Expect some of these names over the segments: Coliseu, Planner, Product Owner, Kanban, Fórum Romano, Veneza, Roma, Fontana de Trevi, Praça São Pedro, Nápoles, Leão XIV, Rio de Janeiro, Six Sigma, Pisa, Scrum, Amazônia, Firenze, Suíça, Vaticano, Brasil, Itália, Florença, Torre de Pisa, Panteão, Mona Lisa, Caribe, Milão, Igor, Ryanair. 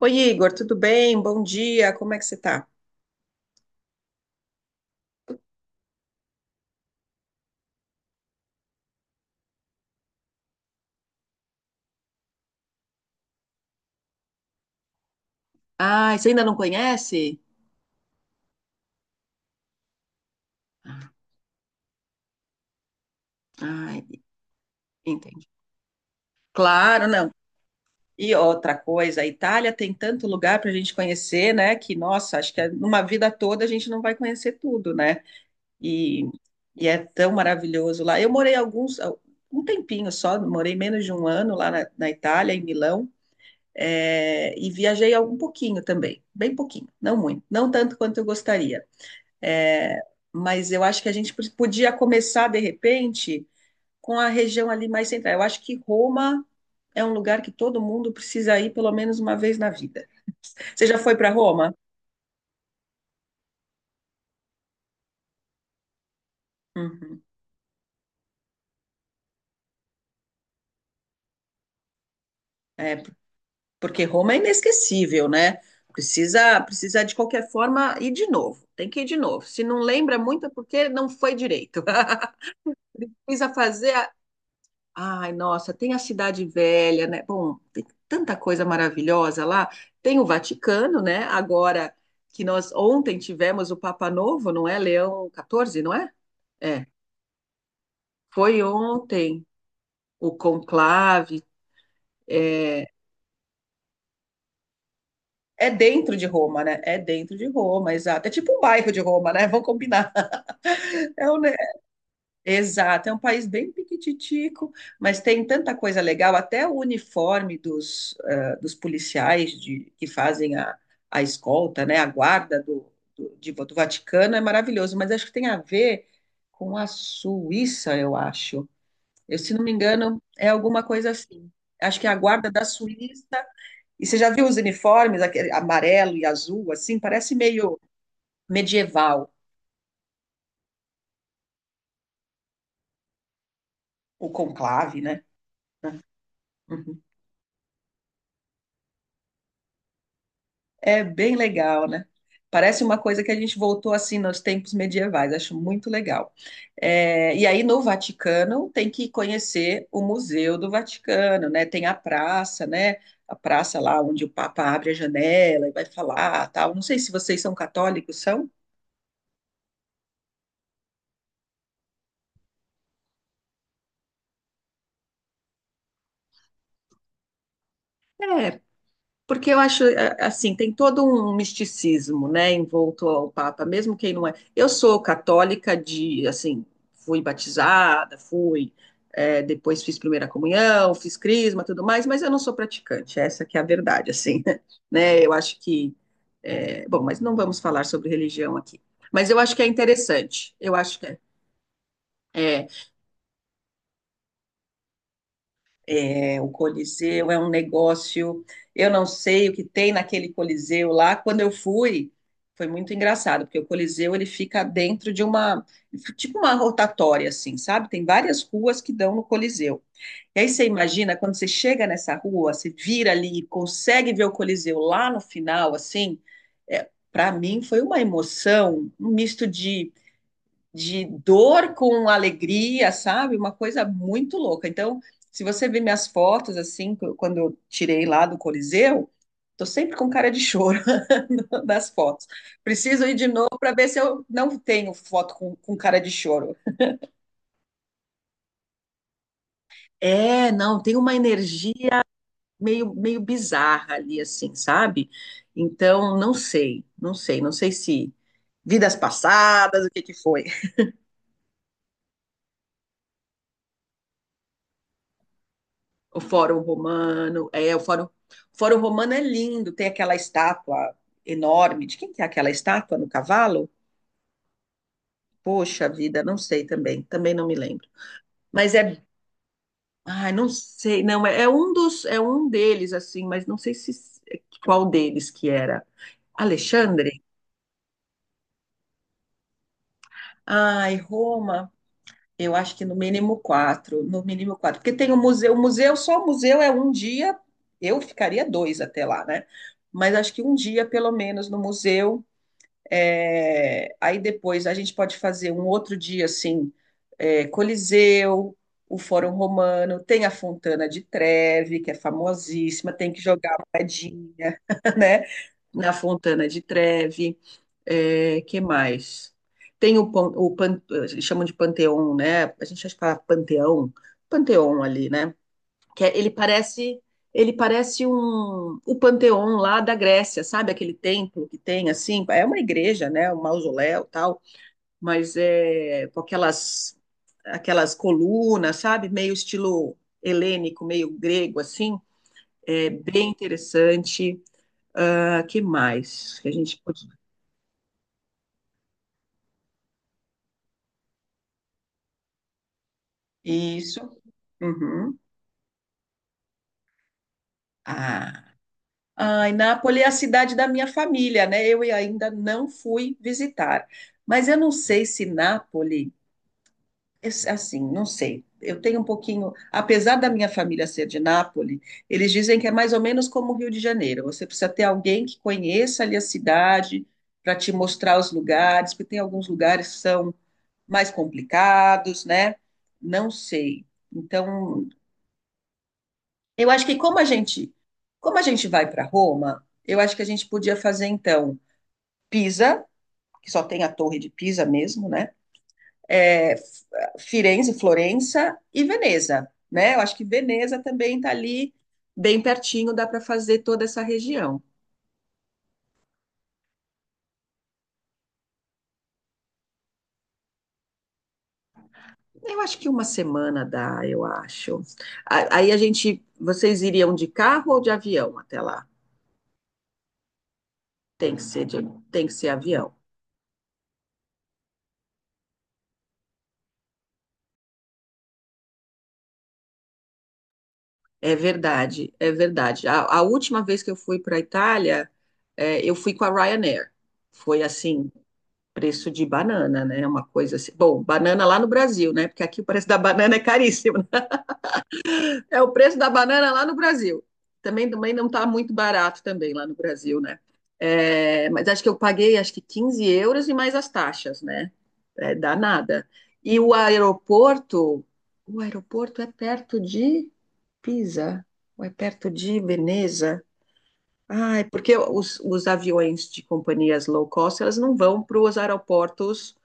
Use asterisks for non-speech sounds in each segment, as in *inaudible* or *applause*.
Oi, Igor, tudo bem? Bom dia, como é que você tá? Ah, você ainda não conhece? Ah, entendi. Claro, não. E outra coisa, a Itália tem tanto lugar para a gente conhecer, né? Que, nossa, acho que é numa vida toda a gente não vai conhecer tudo, né? E, e é tão maravilhoso lá. Eu morei alguns, um tempinho só, morei menos de um ano lá na Itália, em Milão, e viajei um pouquinho também, bem pouquinho, não muito, não tanto quanto eu gostaria. É, mas eu acho que a gente podia começar, de repente, com a região ali mais central. Eu acho que Roma é um lugar que todo mundo precisa ir pelo menos uma vez na vida. Você já foi para Roma? Uhum. É, porque Roma é inesquecível, né? Precisa de qualquer forma ir de novo. Tem que ir de novo. Se não lembra muito é porque não foi direito. *laughs* Precisa fazer Ai, nossa, tem a Cidade Velha, né? Bom, tem tanta coisa maravilhosa lá. Tem o Vaticano, né? Agora que nós ontem tivemos o Papa Novo, não é? Leão XIV, não é? É, foi ontem o conclave. É, é dentro de Roma, né? É dentro de Roma, exato. É tipo um bairro de Roma, né? Vamos combinar. *laughs* É um Exato, é um país bem piquititico, mas tem tanta coisa legal, até o uniforme dos policiais de, que fazem a escolta, né, a guarda do Vaticano é maravilhoso, mas acho que tem a ver com a Suíça, eu acho. Eu, se não me engano, é alguma coisa assim. Acho que é a guarda da Suíça, e você já viu os uniformes, aquele amarelo e azul, assim, parece meio medieval, o conclave, né? Uhum. É bem legal, né? Parece uma coisa que a gente voltou assim nos tempos medievais, acho muito legal. E aí no Vaticano tem que conhecer o Museu do Vaticano, né? Tem a praça, né? A praça lá onde o Papa abre a janela e vai falar, tal. Não sei se vocês são católicos, são? Porque eu acho, assim, tem todo um misticismo, né, envolto ao Papa, mesmo quem não é. Eu sou católica de, assim, fui batizada, fui, depois fiz primeira comunhão, fiz crisma, tudo mais, mas eu não sou praticante, essa que é a verdade, assim, *laughs* né, eu acho que, bom, mas não vamos falar sobre religião aqui. Mas eu acho que é interessante, eu acho que é. é, o Coliseu é um negócio. Eu não sei o que tem naquele Coliseu lá. Quando eu fui, foi muito engraçado, porque o Coliseu ele fica dentro de uma, tipo uma rotatória, assim, sabe? Tem várias ruas que dão no Coliseu. E aí você imagina, quando você chega nessa rua, você vira ali e consegue ver o Coliseu lá no final, assim, para mim foi uma emoção, um misto de dor com alegria, sabe? Uma coisa muito louca. Então, se você ver minhas fotos, assim, quando eu tirei lá do Coliseu, tô sempre com cara de choro *laughs* nas fotos. Preciso ir de novo para ver se eu não tenho foto com cara de choro. É, não, tem uma energia meio, meio bizarra ali, assim, sabe? Então, não sei se vidas passadas, o que que foi. O Fórum Romano é lindo, tem aquela estátua enorme. De quem que é aquela estátua no cavalo? Poxa vida, não sei também não me lembro. Mas ai, não sei, não, é um deles assim, mas não sei se qual deles que era. Alexandre? Ai, Roma, eu acho que no mínimo quatro, no mínimo quatro, porque tem o museu, só o museu é um dia, eu ficaria dois até lá, né? Mas acho que um dia, pelo menos, no museu. Aí depois a gente pode fazer um outro dia assim, Coliseu, o Fórum Romano, tem a Fontana de Trevi, que é famosíssima, tem que jogar a moedinha, *laughs* né? Na Fontana de Trevi. Que mais? Tem Chamam de Panteão, né? A gente acha que fala Panteão, Panteão ali, né? que é- ele parece ele parece o Panteão lá da Grécia, sabe? Aquele templo que tem assim, é uma igreja, né? Um mausoléu, tal, mas é com aquelas colunas, sabe? Meio estilo helênico, meio grego assim, é bem interessante. Ah, que mais que a gente pode... Isso. Uhum. Ah, Ai, Nápoles é a cidade da minha família, né? Eu ainda não fui visitar. Mas eu não sei se Nápoles, assim, não sei. Eu tenho um pouquinho, apesar da minha família ser de Nápoles, eles dizem que é mais ou menos como o Rio de Janeiro. Você precisa ter alguém que conheça ali a cidade para te mostrar os lugares, porque tem alguns lugares que são mais complicados, né? Não sei. Então, eu acho que como a gente vai para Roma, eu acho que a gente podia fazer então. Pisa, que só tem a Torre de Pisa mesmo, né? É, Firenze, Florença e Veneza, né? Eu acho que Veneza também está ali bem pertinho, dá para fazer toda essa região. Eu acho que uma semana dá, eu acho. Aí vocês iriam de carro ou de avião até lá? Tem que ser de, tem que ser avião. É verdade, é verdade. A última vez que eu fui para a Itália, eu fui com a Ryanair. Foi assim, preço de banana, né? É uma coisa assim. Bom, banana lá no Brasil, né? Porque aqui o preço da banana é caríssimo, né? É o preço da banana lá no Brasil. Também, também não está muito barato também lá no Brasil, né? Mas acho que eu paguei acho que 15 euros e mais as taxas, né? É danada. E o aeroporto é perto de Pisa, ou é perto de Veneza? Ah, é porque os aviões de companhias low cost, elas não vão para os aeroportos,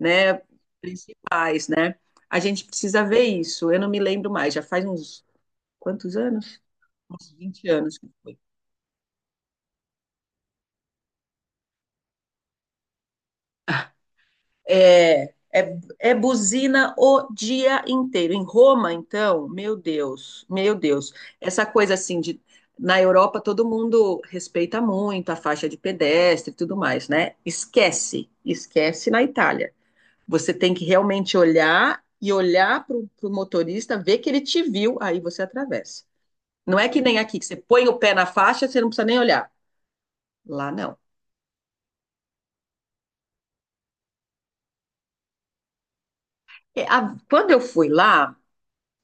né, principais, né? A gente precisa ver isso. Eu não me lembro mais, já faz uns quantos anos? Uns 20 anos que foi. É buzina o dia inteiro. Em Roma, então, meu Deus, meu Deus. Essa coisa assim de na Europa todo mundo respeita muito a faixa de pedestre e tudo mais, né? Esquece, esquece na Itália. Você tem que realmente olhar e olhar para o motorista, ver que ele te viu, aí você atravessa. Não é que nem aqui, que você põe o pé na faixa, você não precisa nem olhar. Lá não. Quando eu fui lá,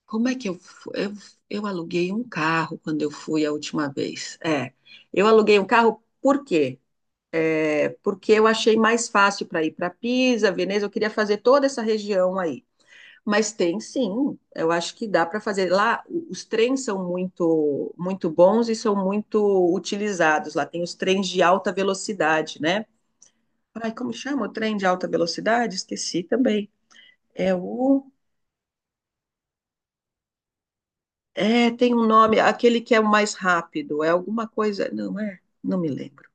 como é que eu, fu- eu aluguei um carro quando eu fui a última vez. Eu aluguei um carro por quê? Porque eu achei mais fácil para ir para Pisa, Veneza, eu queria fazer toda essa região aí. Mas tem sim, eu acho que dá para fazer. Lá, os trens são muito, muito bons e são muito utilizados. Lá tem os trens de alta velocidade, né? Ai, como chama o trem de alta velocidade? Esqueci também. É o. Tem um nome, aquele que é o mais rápido, é alguma coisa. Não é? Não me lembro.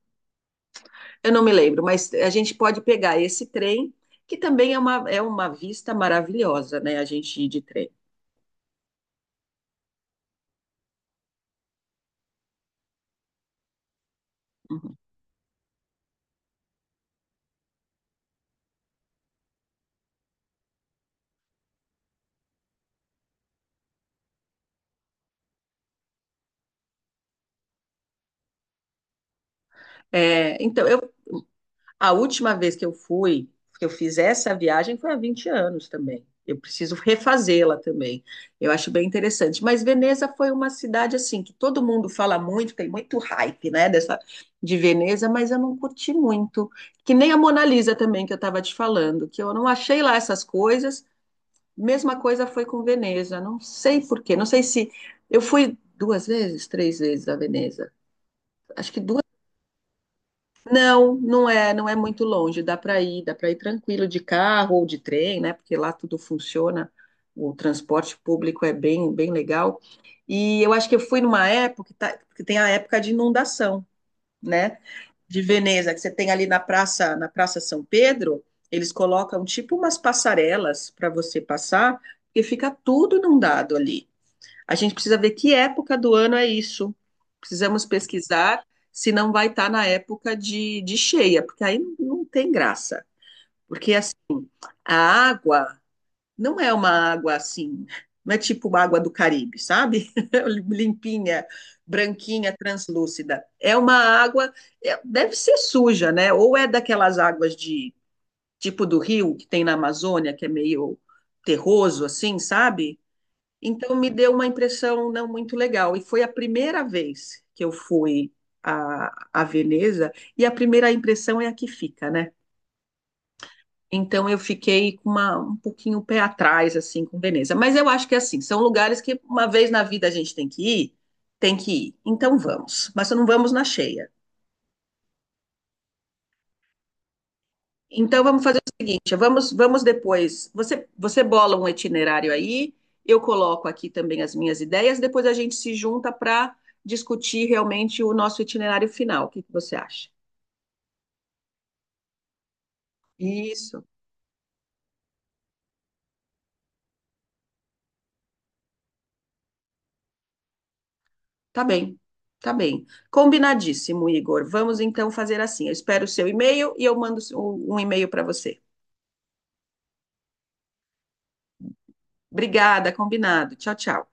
Eu não me lembro, mas a gente pode pegar esse trem, que também é uma, vista maravilhosa, né? A gente ir de trem. Uhum. É, então, eu A última vez que eu fui, que eu fiz essa viagem, foi há 20 anos também. Eu preciso refazê-la também. Eu acho bem interessante. Mas Veneza foi uma cidade assim que todo mundo fala muito, tem muito hype, né, dessa de Veneza, mas eu não curti muito. Que nem a Mona Lisa também que eu estava te falando, que eu não achei lá essas coisas. Mesma coisa foi com Veneza. Não sei por quê. Não sei se eu fui duas vezes, três vezes a Veneza. Acho que duas não, não é muito longe, dá para ir tranquilo de carro ou de trem, né? Porque lá tudo funciona, o transporte público é bem, bem legal. E eu acho que eu fui numa época que, que tem a época de inundação, né? De Veneza, que você tem ali na Praça São Pedro, eles colocam tipo umas passarelas para você passar, porque fica tudo inundado ali. A gente precisa ver que época do ano é isso. Precisamos pesquisar se não vai estar na época de cheia, porque aí não tem graça. Porque assim, a água não é uma água assim, não é tipo uma água do Caribe, sabe? *laughs* Limpinha, branquinha, translúcida. É uma água, deve ser suja, né? Ou é daquelas águas de tipo do rio que tem na Amazônia, que é meio terroso, assim, sabe? Então me deu uma impressão não muito legal. E foi a primeira vez que eu fui a, a Veneza, e a primeira impressão é a que fica, né? Então eu fiquei com um pouquinho o pé atrás, assim, com Veneza. Mas eu acho que, assim, são lugares que uma vez na vida a gente tem que ir, tem que ir. Então vamos. Mas não vamos na cheia. Então vamos fazer o seguinte, vamos depois. Você bola um itinerário aí, eu coloco aqui também as minhas ideias, depois a gente se junta para discutir realmente o nosso itinerário final. O que que você acha? Isso, tá bem, tá bem. Combinadíssimo, Igor. Vamos então fazer assim. Eu espero o seu e-mail e eu mando um e-mail para você. Obrigada, combinado. Tchau, tchau.